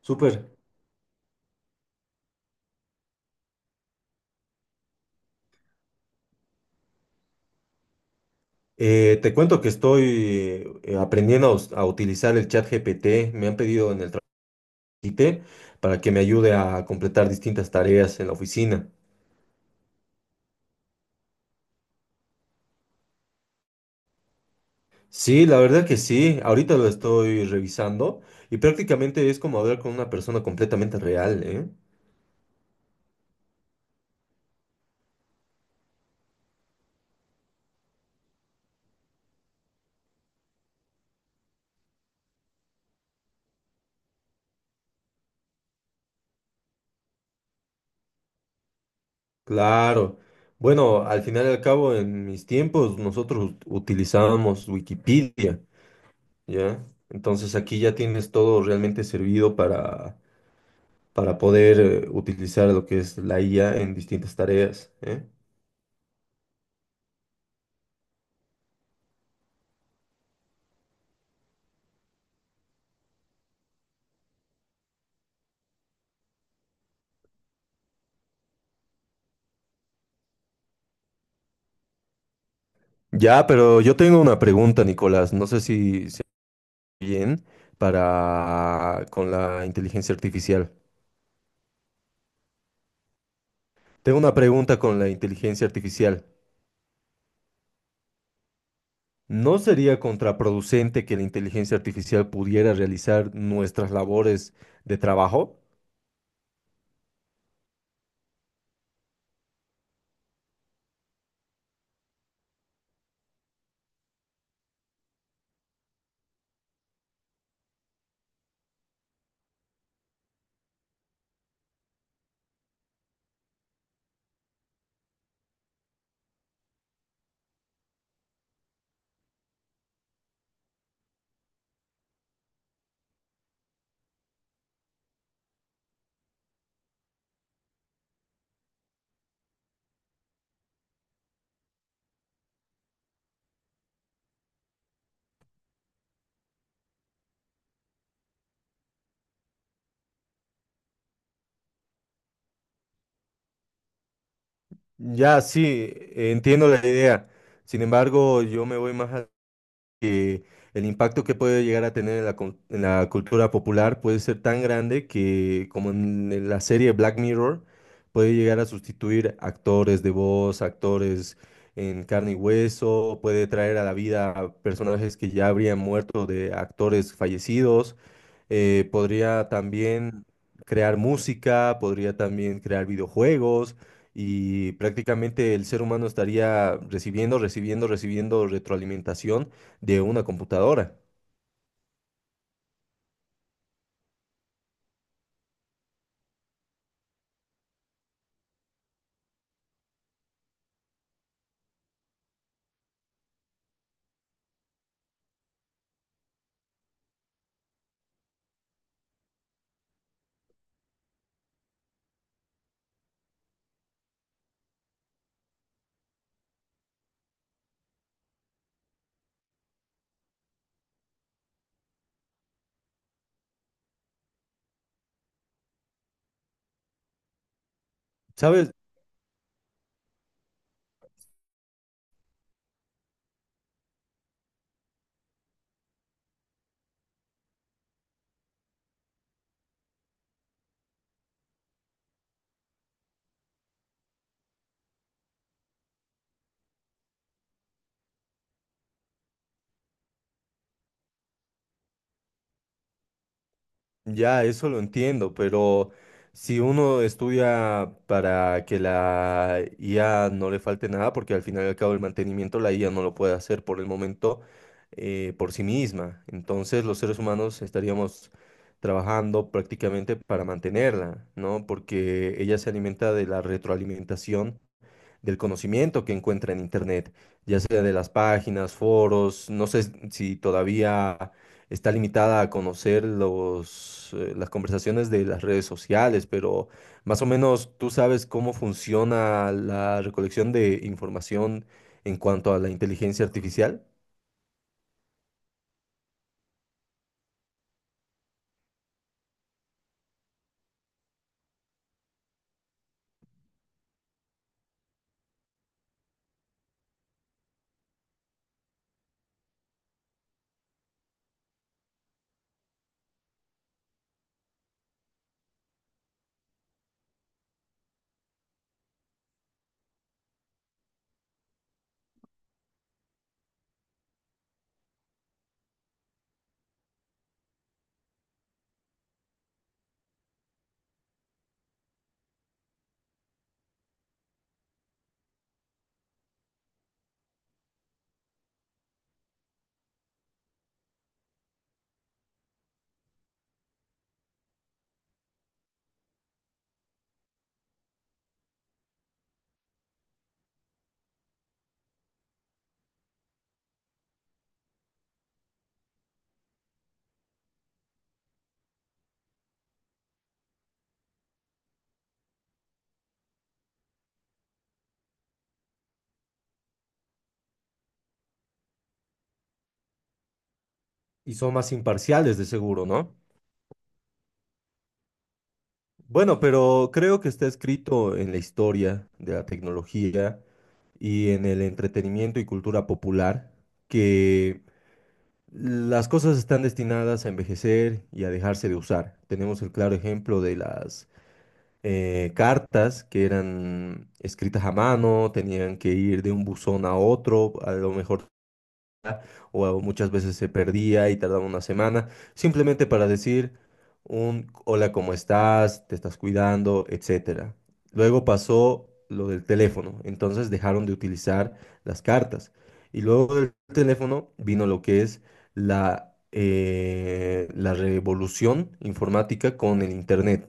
Súper. Te cuento que estoy aprendiendo a utilizar el chat GPT. Me han pedido en el trabajo para que me ayude a completar distintas tareas en la oficina. Sí, la verdad que sí. Ahorita lo estoy revisando y prácticamente es como hablar con una persona completamente real, ¿eh? Claro. Bueno, al final y al cabo, en mis tiempos nosotros utilizábamos Wikipedia, ¿ya? Entonces aquí ya tienes todo realmente servido para poder utilizar lo que es la IA en distintas tareas, ¿eh? Ya, pero yo tengo una pregunta, Nicolás. No sé si se bien para con la inteligencia artificial. Tengo una pregunta con la inteligencia artificial. ¿No sería contraproducente que la inteligencia artificial pudiera realizar nuestras labores de trabajo? Ya, sí, entiendo la idea. Sin embargo, yo me voy más que el impacto que puede llegar a tener en en la cultura popular puede ser tan grande que, como en la serie Black Mirror, puede llegar a sustituir actores de voz, actores en carne y hueso, puede traer a la vida a personajes que ya habrían muerto de actores fallecidos, podría también crear música, podría también crear videojuegos. Y prácticamente el ser humano estaría recibiendo retroalimentación de una computadora. ¿Sabes? Ya eso lo entiendo, pero si uno estudia para que la IA no le falte nada, porque al final y al cabo el mantenimiento la IA no lo puede hacer por el momento por sí misma. Entonces los seres humanos estaríamos trabajando prácticamente para mantenerla, ¿no? Porque ella se alimenta de la retroalimentación del conocimiento que encuentra en Internet, ya sea de las páginas, foros, no sé si todavía está limitada a conocer las conversaciones de las redes sociales, pero más o menos tú sabes cómo funciona la recolección de información en cuanto a la inteligencia artificial. Y son más imparciales de seguro, ¿no? Bueno, pero creo que está escrito en la historia de la tecnología y en el entretenimiento y cultura popular que las cosas están destinadas a envejecer y a dejarse de usar. Tenemos el claro ejemplo de las cartas que eran escritas a mano, tenían que ir de un buzón a otro, a lo mejor o muchas veces se perdía y tardaba una semana, simplemente para decir un hola, ¿cómo estás? ¿Te estás cuidando? Etcétera. Luego pasó lo del teléfono, entonces dejaron de utilizar las cartas. Y luego del teléfono vino lo que es la revolución informática con el internet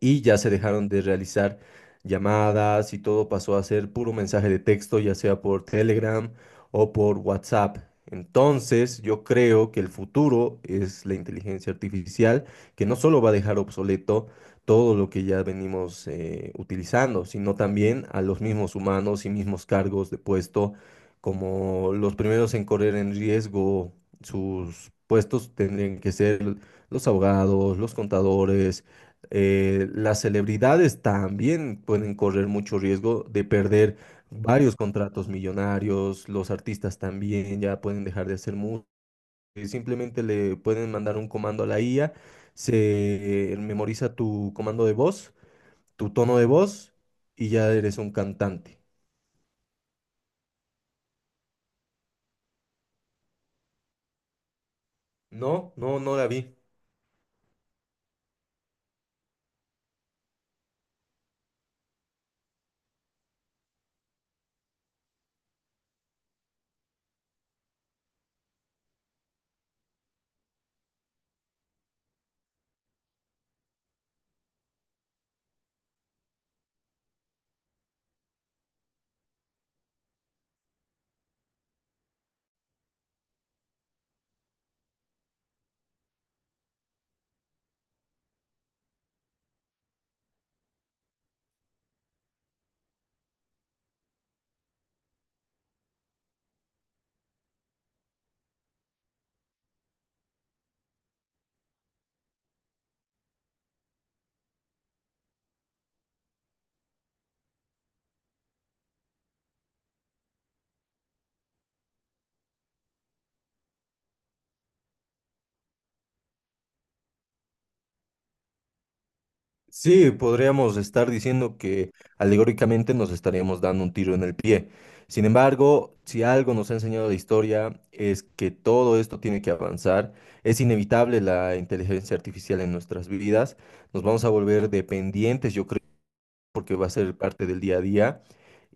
y ya se dejaron de realizar llamadas y todo pasó a ser puro mensaje de texto, ya sea por Telegram o por WhatsApp. Entonces, yo creo que el futuro es la inteligencia artificial, que no solo va a dejar obsoleto todo lo que ya venimos utilizando, sino también a los mismos humanos y mismos cargos de puesto, como los primeros en correr en riesgo sus puestos tendrían que ser los abogados, los contadores, las celebridades también pueden correr mucho riesgo de perder varios contratos millonarios, los artistas también ya pueden dejar de hacer música, simplemente le pueden mandar un comando a la IA, se memoriza tu comando de voz, tu tono de voz y ya eres un cantante. No, no, no la vi. Sí, podríamos estar diciendo que alegóricamente nos estaríamos dando un tiro en el pie. Sin embargo, si algo nos ha enseñado la historia es que todo esto tiene que avanzar. Es inevitable la inteligencia artificial en nuestras vidas. Nos vamos a volver dependientes, yo creo, porque va a ser parte del día a día.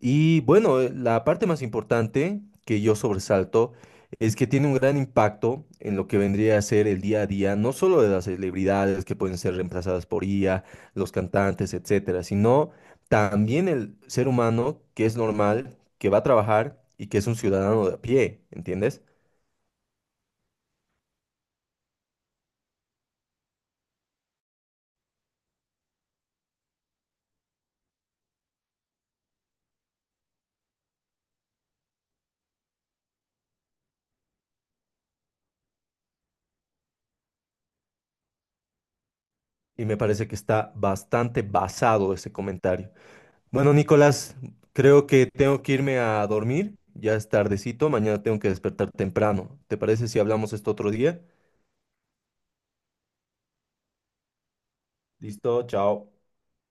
Y bueno, la parte más importante que yo sobresalto es que tiene un gran impacto en lo que vendría a ser el día a día, no solo de las celebridades que pueden ser reemplazadas por IA, los cantantes, etcétera, sino también el ser humano que es normal, que va a trabajar y que es un ciudadano de a pie, ¿entiendes? Y me parece que está bastante basado ese comentario. Bueno, Nicolás, creo que tengo que irme a dormir. Ya es tardecito, mañana tengo que despertar temprano. ¿Te parece si hablamos esto otro día? Listo, chao.